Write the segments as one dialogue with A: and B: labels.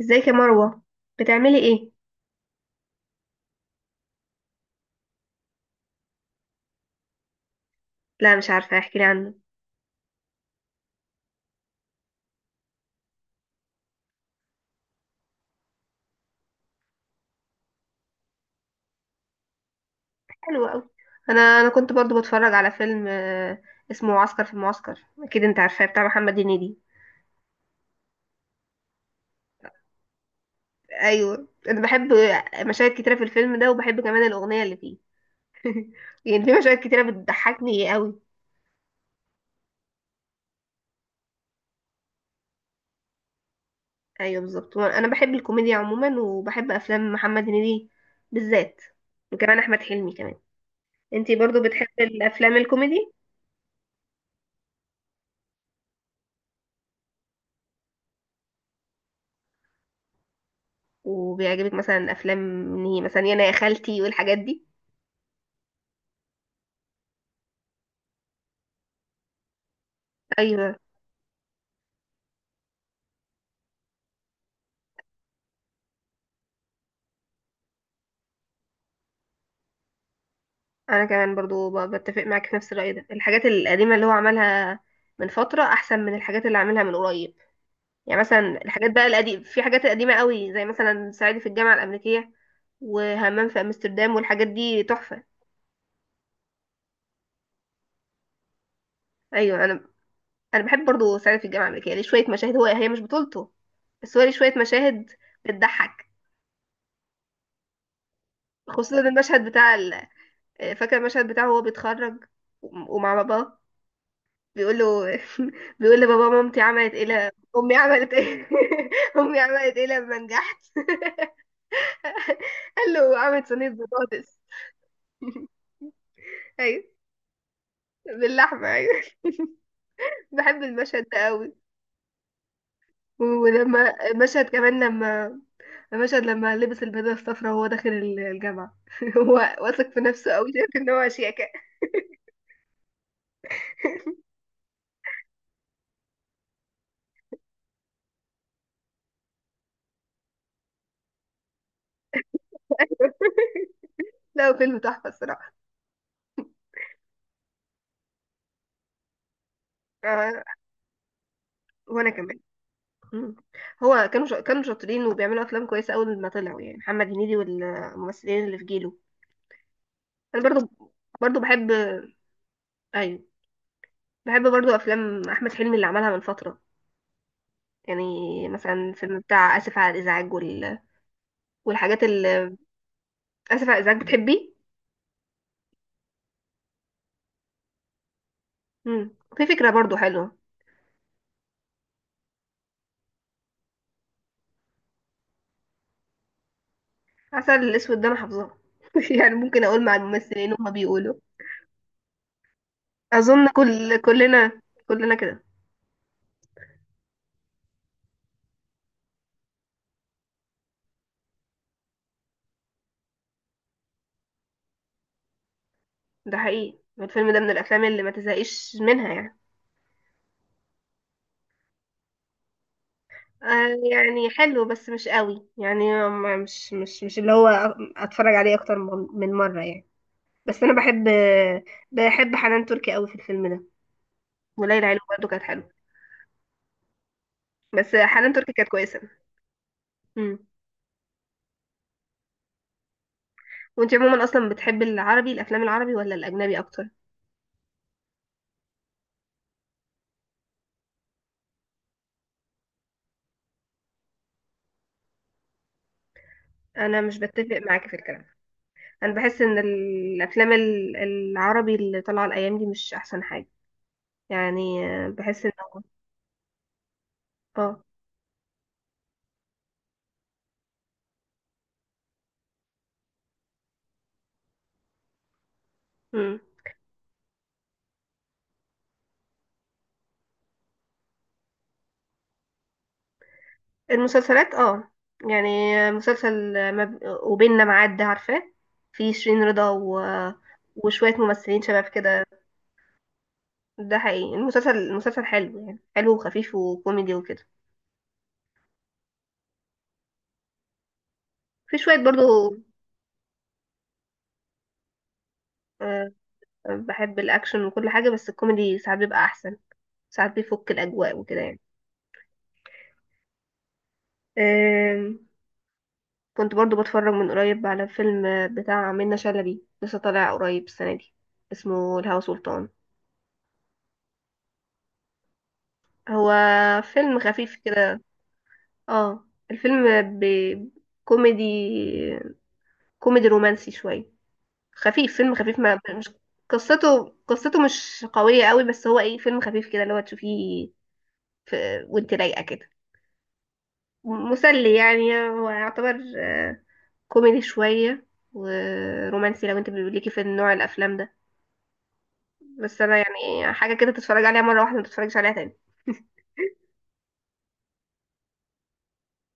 A: ازيك يا مروة؟ بتعملي ايه؟ لا مش عارفة، احكي لي عنه. حلو قوي. انا كنت برضو بتفرج على فيلم اسمه عسكر في المعسكر، اكيد انت عارفاه، بتاع محمد هنيدي. ايوه انا بحب مشاهد كتيرة في الفيلم ده، وبحب كمان الاغنية اللي فيه. يعني في مشاهد كتيرة بتضحكني قوي. ايوه بالظبط، انا بحب الكوميديا عموما، وبحب افلام محمد هنيدي بالذات، وكمان احمد حلمي كمان. انتي برضو بتحبي الافلام الكوميدي؟ وبيعجبك مثلا افلام إن هي مثلا يانا يا خالتي والحاجات دي؟ ايوه انا كمان برضو بتفق معاك في نفس الرأي ده، الحاجات القديمة اللي هو عملها من فترة احسن من الحاجات اللي عاملها من قريب. يعني مثلا الحاجات بقى القديمة، في حاجات قديمة قوي زي مثلا صعيدي في الجامعة الأمريكية، وهمام في امستردام، والحاجات دي تحفة. ايوه انا بحب برضو صعيدي في الجامعة الأمريكية، ليه شوية مشاهد، هو هي مش بطولته، بس هو ليه شوية مشاهد بتضحك. خصوصا المشهد بتاع فاكر المشهد بتاعه وهو بيتخرج ومع باباه، بيقول له، بيقول لبابا: مامتي عملت ايه امي عملت ايه، امي عملت ايه لما نجحت؟ قال له عملت صينيه بطاطس. ايوه، باللحمه ايوه. بحب المشهد ده قوي. ولما مشهد كمان، لما مشهد لما لبس البيضه الصفراء وهو داخل الجامعه، هو واثق في نفسه قوي، شايف ان هو شياكه. لا هو فيلم تحفه الصراحه. آه، وانا كمان. مم. هو كانوا كانوا شاطرين وبيعملوا افلام كويسه اول ما طلعوا، يعني محمد هنيدي والممثلين اللي في جيله. انا برضو. برضو بحب. ايوه بحب برضو افلام احمد حلمي اللي عملها من فتره، يعني مثلا فيلم بتاع اسف على الازعاج والحاجات اللي، اسف على الازعاج بتحبي؟ امم، في فكره برضو حلوه. عسل الاسود ده انا حافظاه، يعني ممكن اقول مع الممثلين هما بيقولوا. اظن كل كلنا كلنا كده. ده حقيقي، الفيلم ده من الافلام اللي ما تزهقش منها يعني. آه يعني حلو بس مش قوي يعني، مش اللي هو اتفرج عليه اكتر من مره يعني. بس انا بحب، بحب حنان تركي قوي في الفيلم ده، وليلى علوي برضه كانت حلوه، بس حنان تركي كانت كويسه. امم، وانت عموما اصلا بتحب العربي، الافلام العربي ولا الاجنبي اكتر؟ انا مش بتفق معاكي في الكلام، انا بحس ان الافلام العربي اللي طالعه الايام دي مش احسن حاجه، يعني بحس ان. اه. امم. المسلسلات اه، يعني مسلسل وبيننا معاد ده عارفاه؟ في شيرين رضا وشويه ممثلين شباب كده. ده حقيقي، المسلسل، المسلسل حلو، يعني حلو وخفيف وكوميدي وكده. في شوية برضو. آه، بحب الأكشن وكل حاجة، بس الكوميدي ساعات بيبقى أحسن، ساعات بيفك الأجواء وكده يعني. آم، كنت برضو بتفرج من قريب على فيلم بتاع منة شلبي، لسه طالع قريب السنة دي، اسمه الهوى سلطان. هو فيلم خفيف كده. اه الفيلم بكوميدي كوميدي كوميدي رومانسي شوية، خفيف، فيلم خفيف، ما مش، قصته، قصته مش قوية قوي، بس هو ايه، فيلم خفيف كده اللي هو تشوفيه في وانت رايقة كده، مسلي يعني، هو يعتبر كوميدي شوية ورومانسي، لو انت ليكي في النوع الافلام ده، بس انا يعني حاجة كده تتفرج عليها مرة واحدة، ما تتفرجش عليها تاني.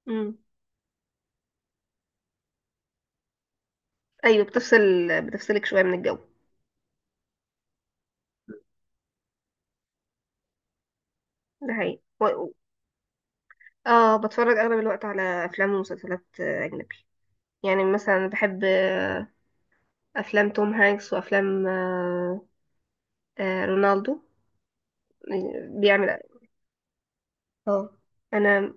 A: امم، ايوه بتفصل، بتفصلك شوية من الجو. ده حقيقي اه، بتفرج اغلب الوقت على افلام ومسلسلات اجنبي، يعني مثلا بحب افلام توم هانكس، وافلام آه رونالدو، يعني بيعمل، اه انا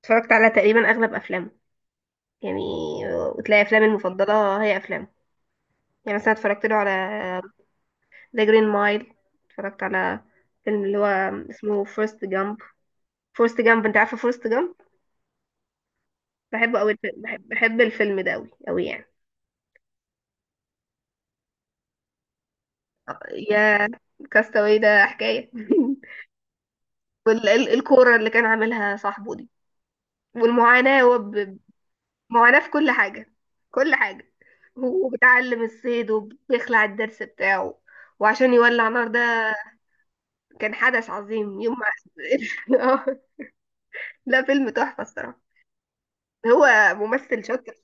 A: اتفرجت على تقريبا اغلب افلامه يعني، وتلاقي افلامي المفضله هي افلامه، يعني مثلا اتفرجت له على ذا جرين مايل، اتفرجت على فيلم اللي هو اسمه فورست جامب، فورست جامب، انت عارفه فورست جامب؟ بحبه قوي، بحب الفيلم ده قوي قوي يعني. يا كاستاوي ده حكايه، والكوره اللي كان عاملها صاحبه دي، والمعاناه، هو معاناة في كل حاجة، كل حاجة، هو بيتعلم الصيد وبيخلع الدرس بتاعه وعشان يولع نار ده، كان حدث عظيم يوم ما. لا فيلم تحفة الصراحة. هو ممثل شاطر،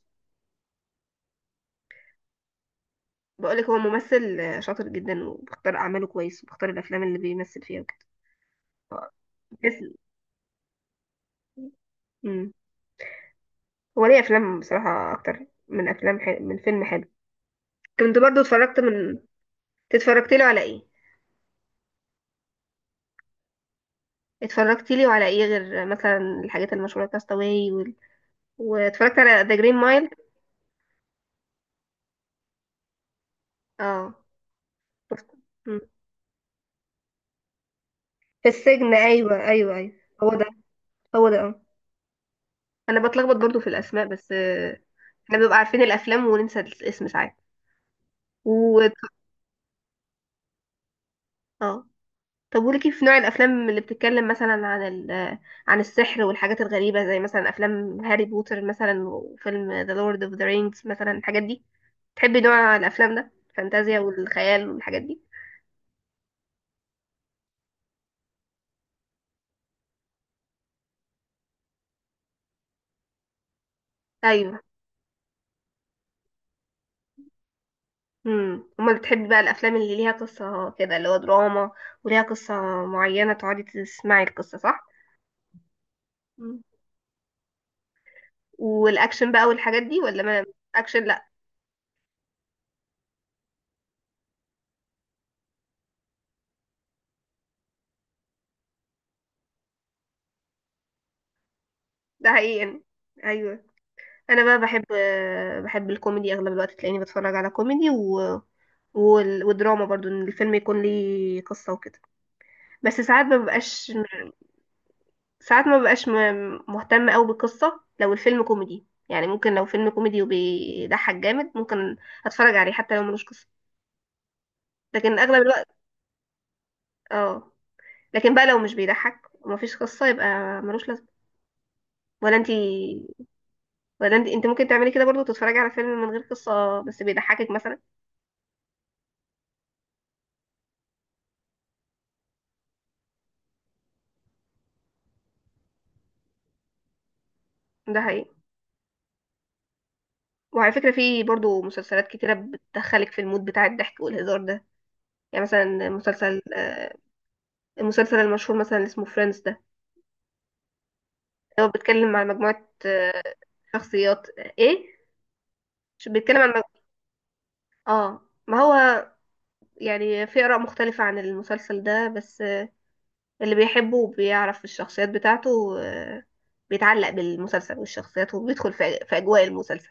A: بقولك هو ممثل شاطر جدا، وبختار أعماله كويس، وبختار الأفلام اللي بيمثل فيها وكده. آه، تسلم. مم. هو ليه أفلام بصراحة أكتر من أفلام من فيلم حلو. كنت برضو اتفرجت من، اتفرجت له على ايه، اتفرجت له على ايه غير مثلا الحاجات المشهورة كاستاوي، واتفرجت على ذا جرين مايل. اه شفته. مم. في السجن ايوه ايوه ايوه. هو ده، هو ده اه. انا بتلخبط برضو في الاسماء بس، احنا بنبقى عارفين الافلام وننسى الاسم ساعات و اه. طب وليكي في نوع الافلام اللي بتتكلم مثلا عن ال... آه، عن السحر والحاجات الغريبه، زي مثلا افلام هاري بوتر مثلا، وفيلم ذا لورد اوف ذا رينجز مثلا، الحاجات دي، تحبي نوع الافلام ده، الفانتازيا والخيال والحاجات دي؟ ايوه. امم، امال بتحبي بقى الافلام اللي ليها قصه كده اللي هو دراما، وليها قصه معينه تقعدي تسمعي القصه، صح؟ مم. والاكشن بقى والحاجات دي ولا ما؟ اكشن لا. ده حقيقي يعني. ايوه انا بقى بحب، بحب الكوميدي اغلب الوقت، تلاقيني بتفرج على كوميدي ودراما برضو، ان الفيلم يكون ليه قصه وكده، بس ساعات ما ببقاش، ساعات ما ببقاش مهتمه قوي بالقصه لو الفيلم كوميدي، يعني ممكن لو فيلم كوميدي وبيضحك جامد ممكن اتفرج عليه حتى لو ملوش قصه. لكن اغلب الوقت اه، لكن بقى لو مش بيضحك ومفيش قصة يبقى ملوش لازمة. ولا انتي، ولا انتي انت ممكن تعملي كده برضو، تتفرجي على فيلم من غير قصة بس بيضحكك مثلا؟ ده حقيقي. وعلى فكرة في برضو مسلسلات كتيرة بتدخلك في المود بتاع الضحك والهزار ده، يعني مثلا مسلسل المسلسل المشهور مثلا اللي اسمه فريندز ده، هو بيتكلم عن مجموعة شخصيات آه، ايه مش بيتكلم عن اه ما هو، يعني في آراء مختلفة عن المسلسل ده، بس اللي بيحبه وبيعرف الشخصيات بتاعته، بيتعلق بالمسلسل والشخصيات، وبيدخل في في أجواء المسلسل.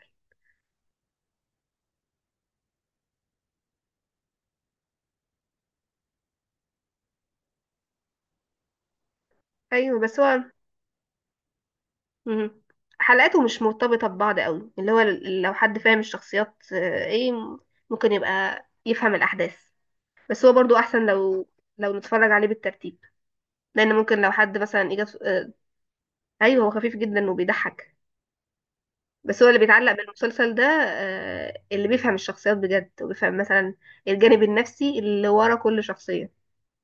A: أيوة بس هو، مم. حلقاته مش مرتبطة ببعض قوي، اللي هو لو حد فاهم الشخصيات آه، ايه ممكن يبقى يفهم الأحداث، بس هو برضو أحسن لو، لو نتفرج عليه بالترتيب، لأن ممكن لو حد مثلا إجا أيوة هو خفيف جدا وبيضحك، بس هو اللي بيتعلق بالمسلسل ده اللي بيفهم الشخصيات بجد وبيفهم مثلا الجانب النفسي اللي ورا كل شخصية،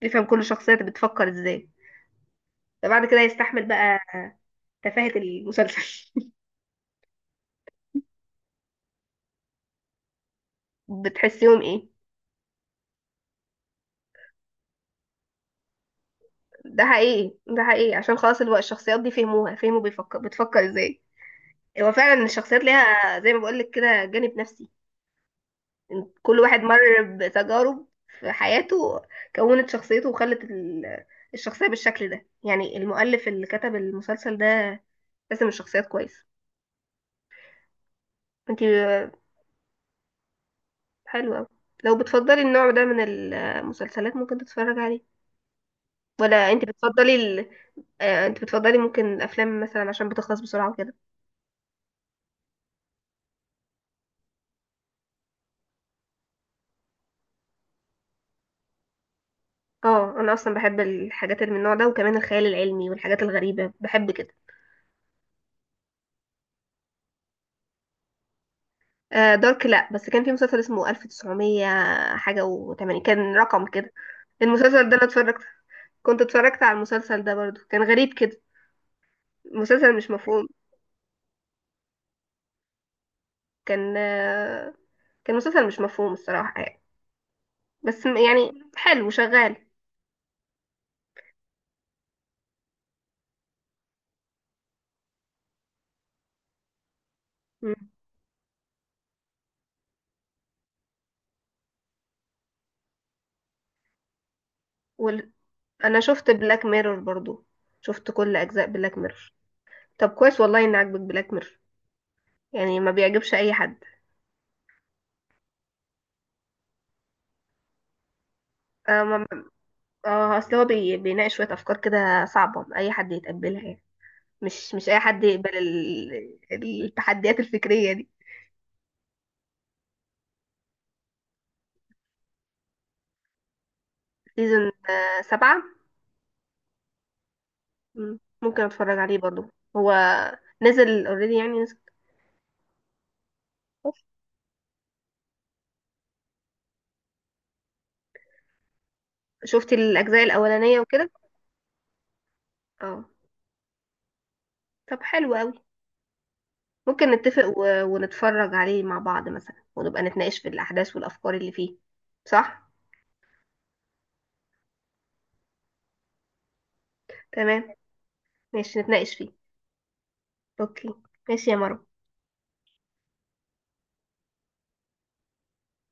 A: يفهم كل شخصية بتفكر ازاي، فبعد كده يستحمل بقى تفاهة المسلسل. بتحسيهم ايه؟ ده حقيقي، ده حقيقي، عشان خلاص الوقت الشخصيات دي فهموها، فهموا بيفكر بتفكر ازاي، هو فعلا الشخصيات ليها زي ما بقولك كده جانب نفسي، إن كل واحد مر بتجارب في حياته كونت شخصيته، وخلت الشخصية بالشكل ده، يعني المؤلف اللي كتب المسلسل ده رسم الشخصيات كويس. انتي حلوة أوي. لو بتفضلي النوع ده من المسلسلات ممكن تتفرج عليه، ولا انت بتفضلي ال... آه، انت بتفضلي ممكن الافلام مثلا عشان بتخلص بسرعه وكده؟ اه انا اصلا بحب الحاجات اللي من النوع ده، وكمان الخيال العلمي والحاجات الغريبه بحب كده. آه دارك لا، بس كان في مسلسل اسمه 1900 حاجه وتمانين، كان رقم كده. المسلسل ده انا اتفرجت، كنت اتفرجت على المسلسل ده برضو، كان غريب كده، مسلسل مش مفهوم. كان آه، كان مسلسل مش مفهوم الصراحه يعني، بس يعني حلو شغال. مم. وال... انا شفت بلاك ميرور برضو، شفت كل اجزاء بلاك ميرور. طب كويس والله ان عاجبك بلاك ميرور، يعني ما بيعجبش اي حد. اه اصل هو بيناقش شويه افكار كده صعبه اي حد يتقبلها، يعني مش اي حد يقبل التحديات الفكريه دي. سيزون سبعة. مم، ممكن اتفرج عليه برضو. هو نزل اوريدي يعني نزل. شفتي الاجزاء الاولانيه وكده؟ اه طب حلو قوي. ممكن نتفق ونتفرج عليه مع بعض مثلا، ونبقى نتناقش في الاحداث والافكار اللي فيه، صح؟ تمام، ماشي نتناقش فيه. اوكي، ماشي يا مروة.